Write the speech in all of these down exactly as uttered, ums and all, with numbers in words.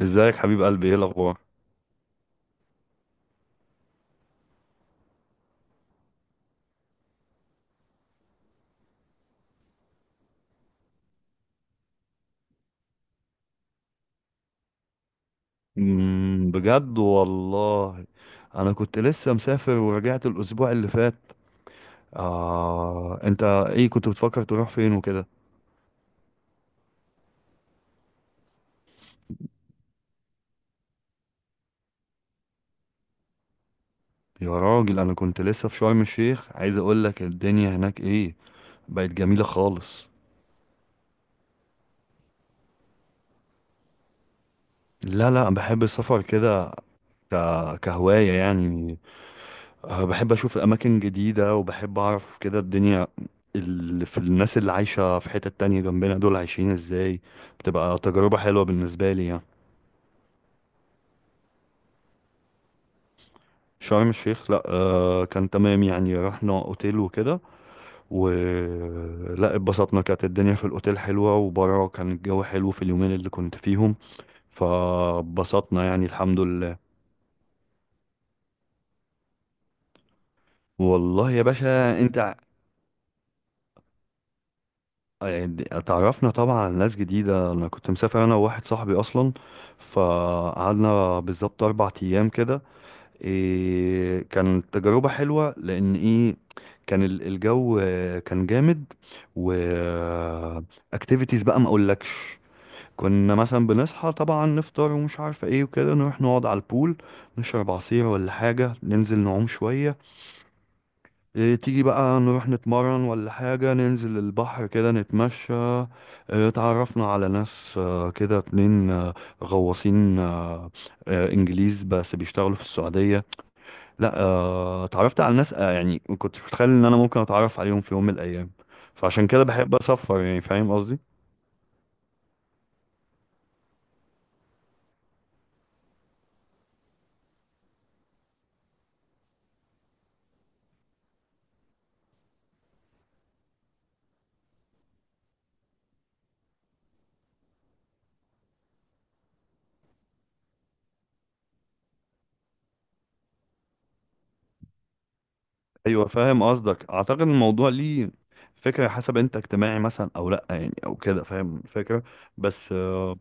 ازيك حبيب قلبي، ايه الاخبار؟ امم بجد والله. انا كنت لسه مسافر ورجعت الاسبوع اللي فات. آه، انت ايه كنت بتفكر تروح فين وكده؟ يا راجل، انا كنت لسه في شرم الشيخ، عايز اقول لك الدنيا هناك ايه. بقت جميلة خالص. لا، لا، بحب السفر كده. ك... كهواية يعني. آه، بحب اشوف اماكن جديدة، وبحب اعرف كده الدنيا اللي في الناس اللي عايشة في حتة تانية جنبنا دول عايشين ازاي. بتبقى تجربة حلوة بالنسبة لي يعني. شرم الشيخ، لا، آه كان تمام يعني، رحنا اوتيل وكده ولا اتبسطنا. كانت الدنيا في الاوتيل حلوة وبره كان الجو حلو في اليومين اللي كنت فيهم. فبسطنا يعني، الحمد لله. والله يا باشا، انت ع- اتعرفنا طبعا على ناس جديدة. انا كنت مسافر انا وواحد صاحبي اصلا، فقعدنا بالظبط اربع ايام كده. إيه، كانت تجربة حلوة، لأن إيه، كان ال- الجو آه، كان جامد. و اكتيفيتيز بقى ما أقولكش. كنا مثلا بنصحى طبعا نفطر ومش عارفة ايه وكده، نروح نقعد على البول، نشرب عصير ولا حاجة، ننزل نعوم شوية. إيه، تيجي بقى نروح نتمرن ولا حاجة، ننزل البحر كده نتمشى. إيه، تعرفنا على ناس، آه، كده اتنين آه، غواصين، آه، آه، انجليز بس بيشتغلوا في السعودية. لا آه، اتعرفت على ناس آه، يعني ما كنتش متخيل ان انا ممكن اتعرف عليهم في يوم من الايام. فعشان كده بحب اسفر يعني، فاهم قصدي. ايوه، فاهم قصدك. اعتقد الموضوع ليه فكره، حسب انت اجتماعي مثلا او لا يعني، او كده، فاهم الفكره. بس آه،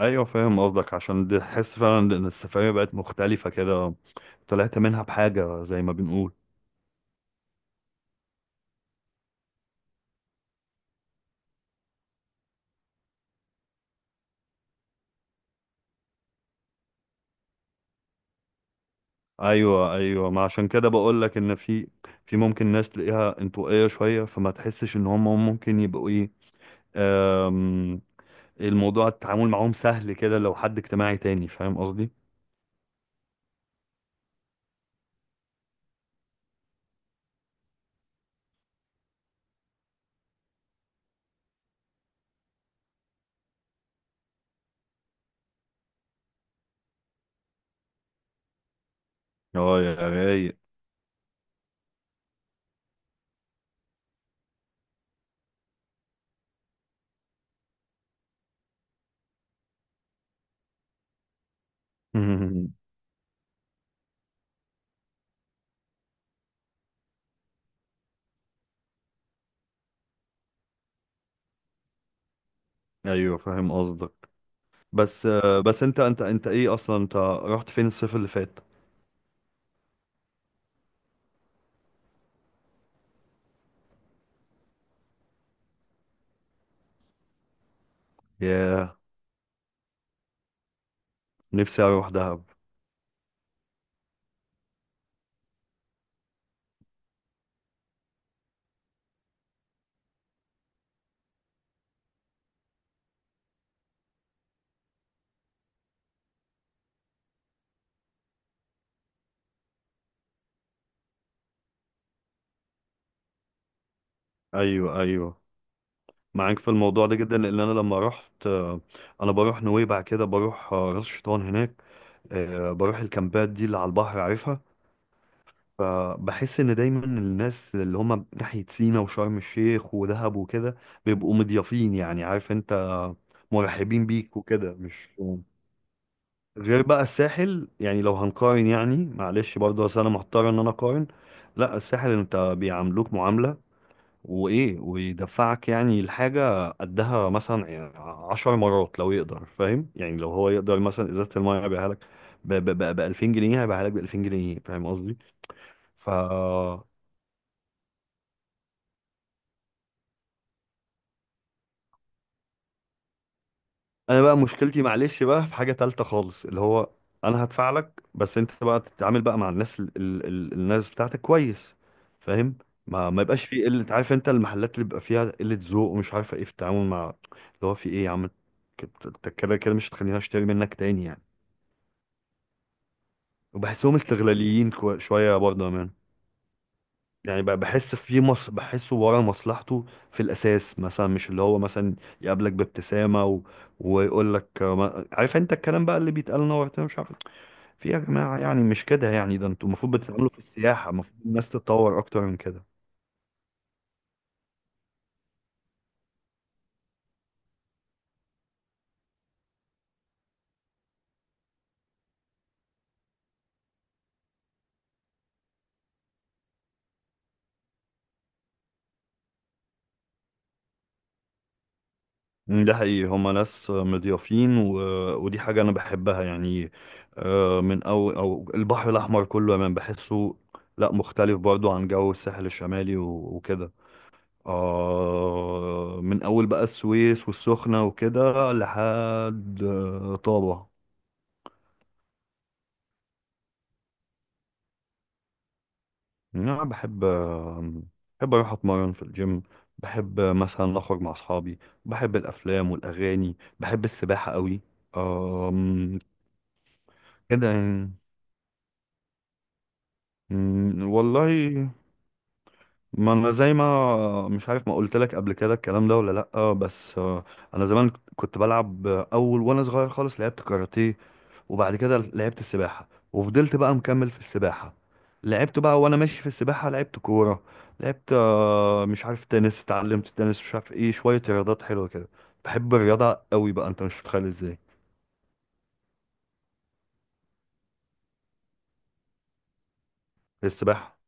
ايوه فاهم قصدك. عشان دي- تحس فعلا ان السفريه بقت مختلفه كده، طلعت منها بحاجه زي ما بنقول. ايوه، ايوه، ما عشان كده بقول لك ان في في ممكن ناس تلاقيها انطوائيه شويه، فما تحسش ان هم ممكن يبقوا ايه، الموضوع التعامل معاهم سهل كده لو حد اجتماعي تاني، فاهم قصدي. اه، يا رايق. مم. ايوه فاهم قصدك. بس آه، بس انت انت انت ايه اصلا، انت رحت فين الصيف اللي فات؟ ياه، نفسي اروح دهب. ايوه، ايوه، معاك في الموضوع ده جدا، لان انا لما رحت آه، انا بروح نويبع كده، بروح آه، راس شيطان هناك، آه، بروح الكامبات دي اللي على البحر، عارفها. فبحس ان دايما الناس اللي هم ناحية سينا وشرم الشيخ ودهب وكده بيبقوا مضيافين يعني، عارف انت، مرحبين بيك وكده، مش غير بقى الساحل يعني. لو هنقارن يعني، معلش برضه، اصل انا محتار ان انا اقارن. لا، الساحل انت بيعاملوك معاملة وايه، ويدفعك يعني الحاجة قدها مثلا يعني عشر مرات لو يقدر، فاهم يعني، لو هو يقدر مثلا ازازة المية هيبيعها لك ب ألفين جنيه، هيبيعها لك ب ألفين جنيه، فاهم قصدي. ف انا بقى مشكلتي، معلش بقى، في حاجه تالته خالص اللي هو انا هدفع لك، بس انت بقى تتعامل بقى مع الناس ال ال ال الناس بتاعتك كويس، فاهم. ما ما يبقاش فيه قله، عارف انت، المحلات اللي بيبقى فيها قله ذوق ومش عارفه ايه في التعامل مع اللي هو في ايه يا عم. كت- انت كده كده مش هتخليني اشتري منك تاني يعني. وبحسهم استغلاليين كو- شويه برضه يا مان. يعني ب- بحس في مص، بحسه ورا مصلحته في الاساس، مثلا مش اللي هو مثلا يقابلك بابتسامه و... ويقول لك آه، ما- عارف انت الكلام بقى اللي بيتقال، نورت مش عارف. في يا جماعة يعني، مش كده يعني، ده انتوا المفروض بتتعاملوا في السياحة، المفروض الناس تتطور أكتر من كده. مم، ده حقيقي، هما ناس مضيافين، و... ودي حاجة أنا بحبها يعني. آه، من أو أو البحر الأحمر كله أنا بحسه، لا مختلف برضو عن جو الساحل الشمالي و... وكده. آه من أول بقى السويس والسخنة وكده لحد آه، طابة. أنا بحب، بحب أروح أتمرن في الجيم، بحب مثلا أخرج مع أصحابي، بحب الأفلام والأغاني، بحب السباحة قوي. أم، كده يعني. أم، والله، ما انا زي ما مش عارف ما قلت لك قبل كده الكلام ده ولا لا، بس آه، انا زمان كنت بلعب اول وانا صغير خالص، لعبت كاراتيه، وبعد كده لعبت السباحه، وفضلت بقى مكمل في السباحه. لعبت بقى وانا ماشي في السباحه لعبت كوره، لعبت آه، مش عارف، تنس، اتعلمت تنس، مش عارف ايه، شويه رياضات حلوه كده. بحب الرياضه قوي بقى، انت مش متخيل ازاي. السباحه،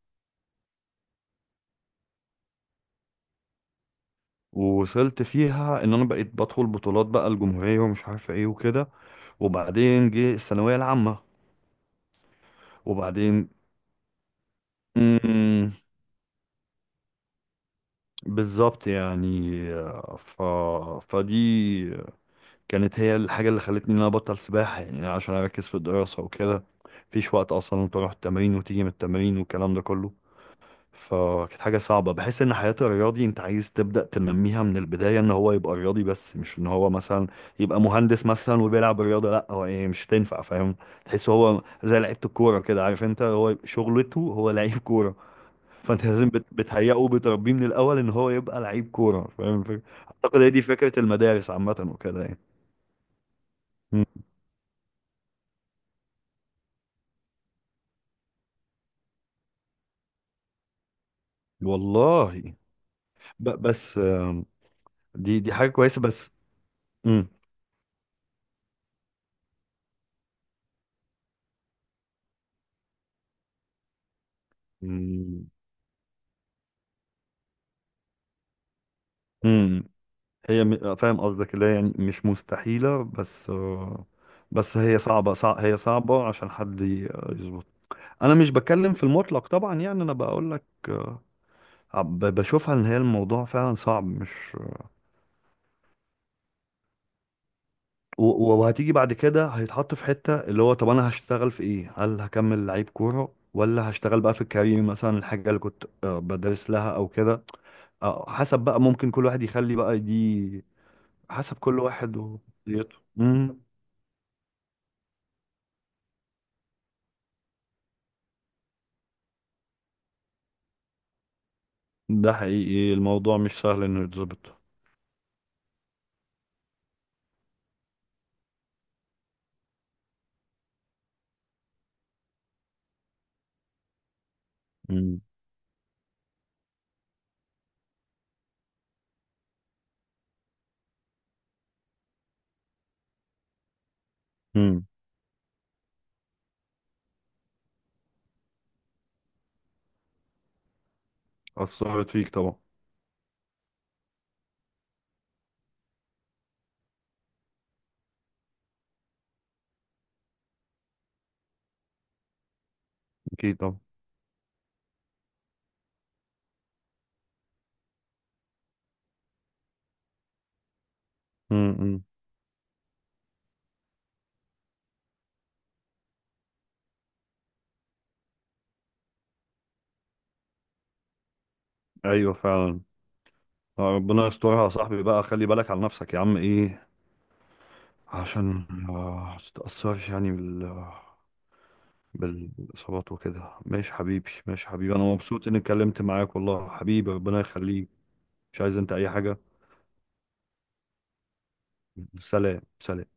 ووصلت فيها ان انا بقيت بدخل بطولات بقى الجمهوريه ومش عارف ايه وكده. وبعدين جه الثانويه العامه. وبعدين، مم، بالظبط يعني، آه، ف... فدي كانت هي الحاجة اللي خلتني ان انا ابطل سباحة يعني عشان اركز في الدراسة وكده. مفيش وقت اصلا تروح التمرين وتيجي من التمرين والكلام ده كله. فكانت حاجة صعبة، بحس ان حياة الرياضي انت عايز تبدأ تنميها من البداية ان هو يبقى رياضي، بس مش ان هو مثلا يبقى مهندس مثلا وبيلعب رياضة، لا هو ايه مش هتنفع، فاهم. تحس هو زي لعيبة الكورة كده، عارف انت، هو شغلته هو لعيب كورة. فانت لازم بت- بتهيئه وبتربيه من الاول ان هو يبقى لعيب كوره، فاهم الفكرة؟ اعتقد هي دي فكره المدارس عامه وكده يعني. مم. والله. ب- بس آم، دي دي حاجه كويسه بس. مم. مم. مم. هي م- فاهم قصدك، اللي هي يعني مش مستحيله، بس آه، بس هي صعبه، صع هي صعبه عشان حد ي- يظبط. انا مش بتكلم في المطلق طبعا يعني، انا بقول لك آه، ب- بشوفها ان هي الموضوع فعلا صعب، مش و- و- وهتيجي بعد كده هيتحط في حتة اللي هو طب انا هشتغل في ايه، هل هكمل لعيب كورة ولا هشتغل بقى في الكارير مثلا الحاجة اللي كنت آه، بدرس لها او كده. آه، حسب بقى، ممكن كل واحد يخلي بقى دي حسب كل واحد وشخصيته. امم ده حقيقي، الموضوع مش سهل انه يتظبط. امم امم اثرت فيك طبعا. اكيد طبعا. امم ايوه فعلا. آه، ربنا يسترها يا صاحبي بقى، خلي بالك على نفسك يا عم ايه، عشان آه، ما تتأثرش يعني بال بالإصابات وكده. ماشي حبيبي، ماشي حبيبي، أنا مبسوط إني اتكلمت معاك والله حبيبي، ربنا يخليك. مش عايز أنت أي حاجة. سلام، سلام.